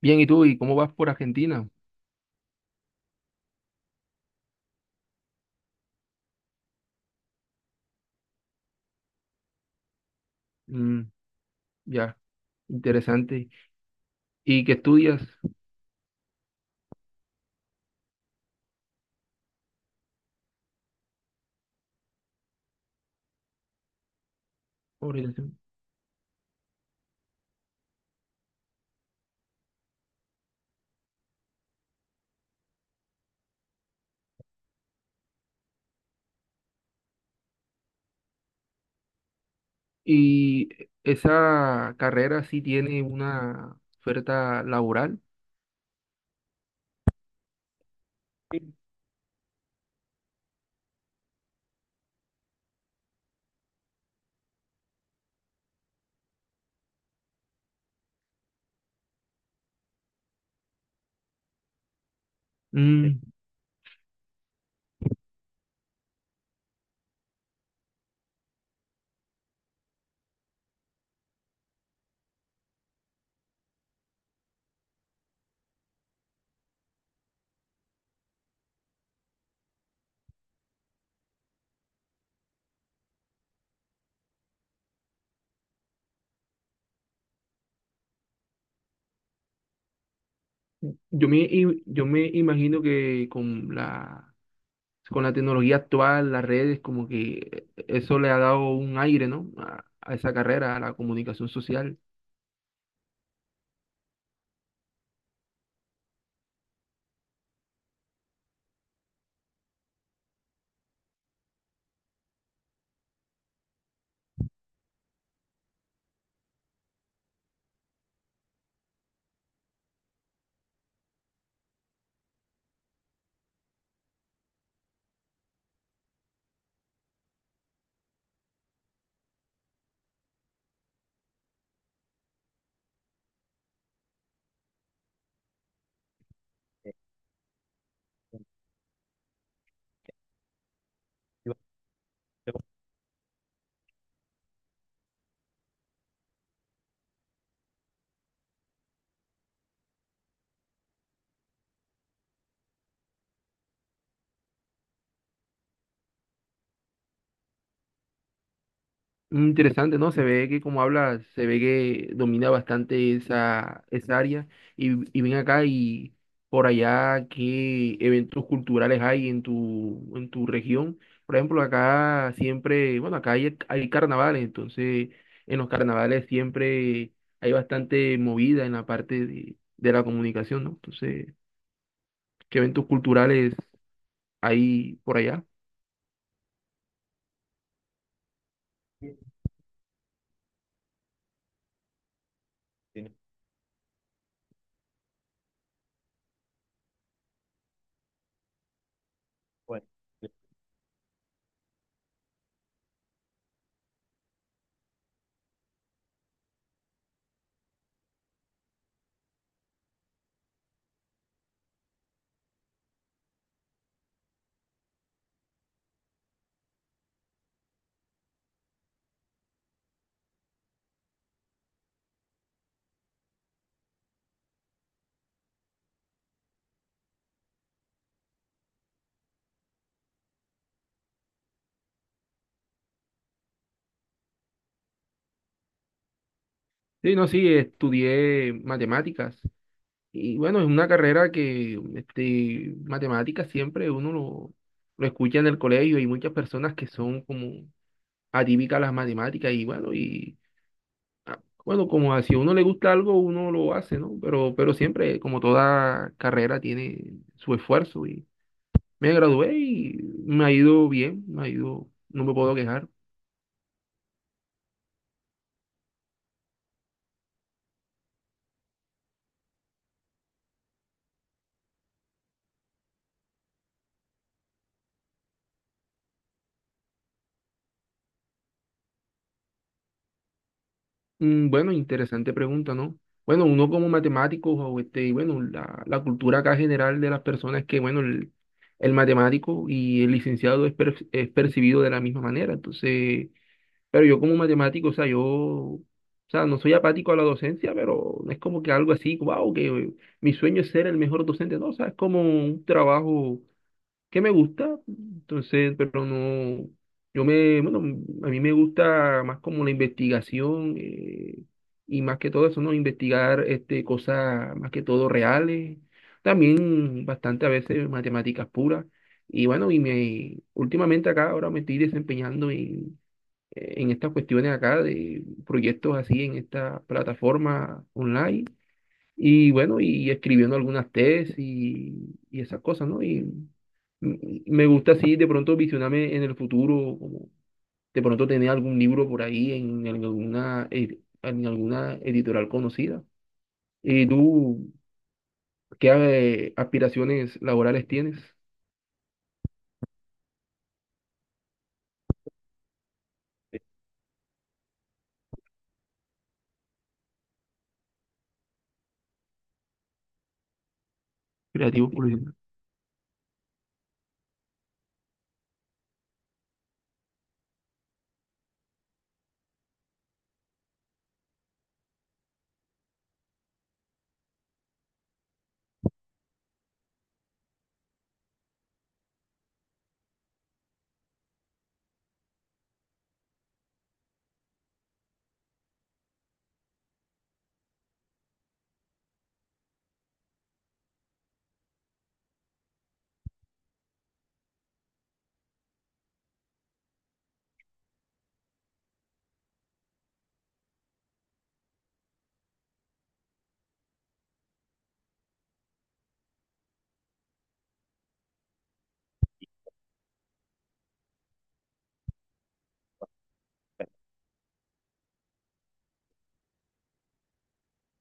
Bien, ¿y tú? ¿Y cómo vas por Argentina? Mm, ya, interesante. ¿Y qué estudias? Orientación. ¿Y esa carrera sí tiene una oferta laboral? Sí. Mm, yo me imagino que con la tecnología actual, las redes, como que eso le ha dado un aire, ¿no? A esa carrera, a la comunicación social. Interesante, ¿no? Se ve que como habla, se ve que domina bastante esa área. Y ven acá y por allá, ¿qué eventos culturales hay en tu región? Por ejemplo, acá siempre, bueno, acá hay carnavales, entonces en los carnavales siempre hay bastante movida en la parte de la comunicación, ¿no? Entonces, ¿qué eventos culturales hay por allá? Sí, no, sí, estudié matemáticas. Y bueno, es una carrera que, este, matemáticas siempre uno lo escucha en el colegio. Hay muchas personas que son como atípicas a las matemáticas y bueno, y ah, bueno, como si a uno le gusta algo, uno lo hace, ¿no? Pero siempre, como toda carrera, tiene su esfuerzo y me gradué y me ha ido bien, me ha ido, no me puedo quejar. Mm. Bueno, interesante pregunta, ¿no? Bueno, uno como matemático, o este, y bueno, la cultura acá general de las personas es que, bueno, el matemático y el licenciado es percibido de la misma manera. Entonces, pero yo como matemático, o sea, yo, o sea, no soy apático a la docencia, pero no es como que algo así, wow, que mi sueño es ser el mejor docente, no, o sea, es como un trabajo que me gusta, entonces, pero no, bueno, a mí me gusta más como la investigación, y más que todo eso, ¿no? Investigar este, cosas más que todo reales, también bastante a veces matemáticas puras. Y bueno, últimamente acá ahora me estoy desempeñando en estas cuestiones acá de proyectos así en esta plataforma online. Y bueno, y escribiendo algunas tesis y esas cosas, ¿no? Y me gusta así de pronto visionarme en el futuro, como de pronto tener algún libro por ahí en alguna editorial conocida. ¿Y tú qué aspiraciones laborales tienes? Creativo por ejemplo.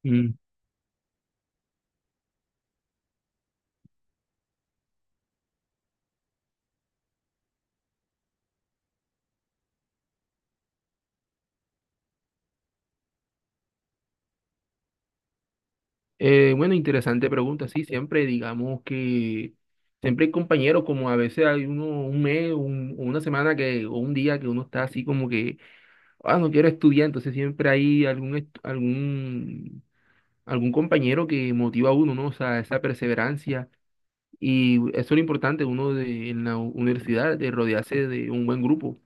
Mm. Bueno, interesante pregunta. Sí, siempre digamos que siempre hay compañeros, como a veces hay uno un mes, o una semana que, o un día que uno está así como que no quiero estudiar, entonces siempre hay algún compañero que motiva a uno, ¿no? O sea, esa perseverancia. Y eso es lo importante, uno de, en la universidad, de rodearse de un buen grupo,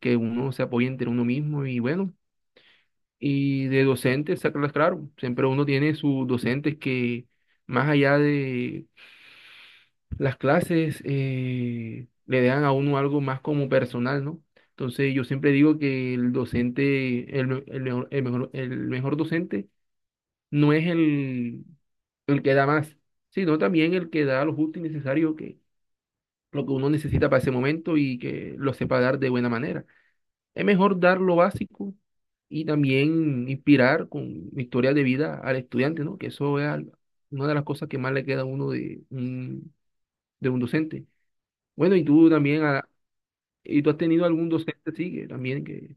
que uno se apoye entre uno mismo y bueno. Y de docentes, sacarlas claro. Siempre uno tiene sus docentes que, más allá de las clases, le dan a uno algo más como personal, ¿no? Entonces yo siempre digo que el docente, el mejor docente no es el que da más, sino también el que da lo justo y necesario que lo que uno necesita para ese momento y que lo sepa dar de buena manera. Es mejor dar lo básico y también inspirar con historias de vida al estudiante, ¿no? Que eso es una de las cosas que más le queda a uno de un docente. Bueno, y tú también, y tú has tenido algún docente, sí, que también que...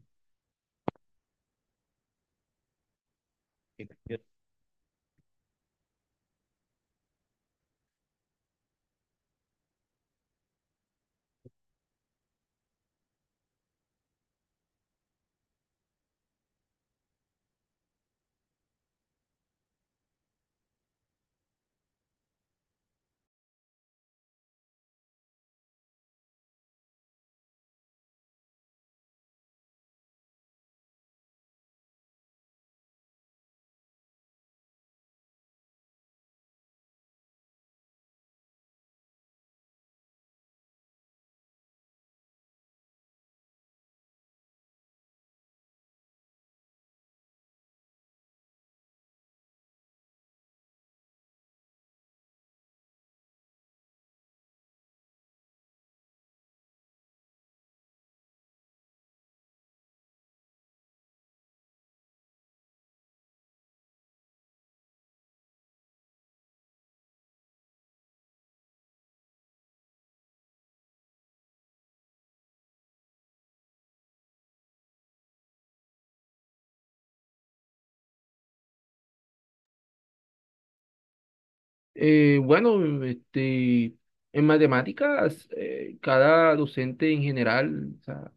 bueno, este, en matemáticas, cada docente en general, o sea,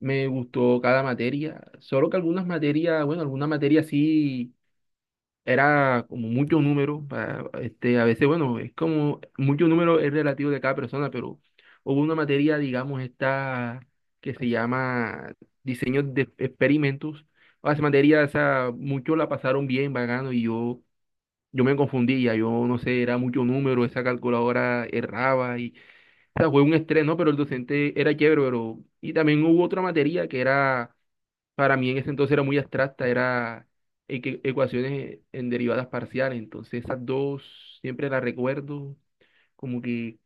me gustó cada materia, solo que algunas materias, bueno, alguna materia sí era como mucho número, para, este, a veces, bueno, es como mucho número es relativo de cada persona, pero hubo una materia, digamos, esta que se llama diseño de experimentos. O sea, esa materia, o sea, muchos la pasaron bien, vagando, y yo, me confundía, yo no sé, era mucho número, esa calculadora erraba, y, o sea, fue un estrés, ¿no? Pero el docente era chévere, pero, y también hubo otra materia que era para mí en ese entonces era muy abstracta, era ecuaciones en derivadas parciales, entonces esas dos siempre las recuerdo, como que,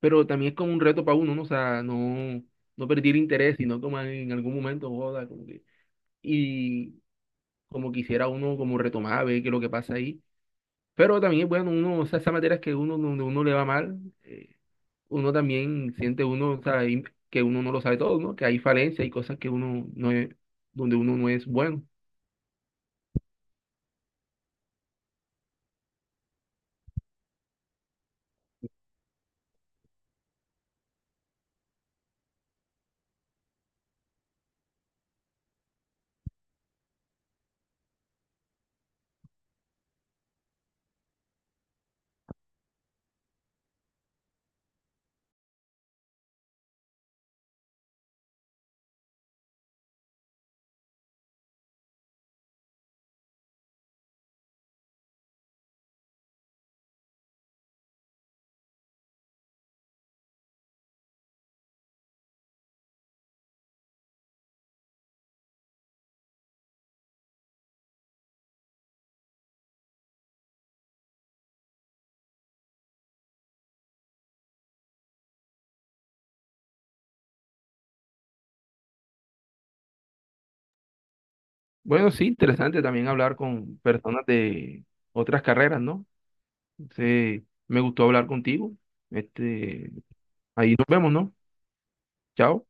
pero también es como un reto para uno, ¿no? O sea, no, no perder interés, sino como en algún momento, joda, como que, y como quisiera uno como retomar, ver qué es lo que pasa ahí, pero también, bueno, uno, o sea, esas materias que uno, donde uno le va mal, eh, uno también siente uno, o sea, ahí que uno no lo sabe todo, ¿no? Que hay falencias y cosas que uno no es, donde uno no es bueno. Bueno, sí, interesante también hablar con personas de otras carreras, ¿no? Entonces, me gustó hablar contigo. Este, ahí nos vemos, ¿no? Chao.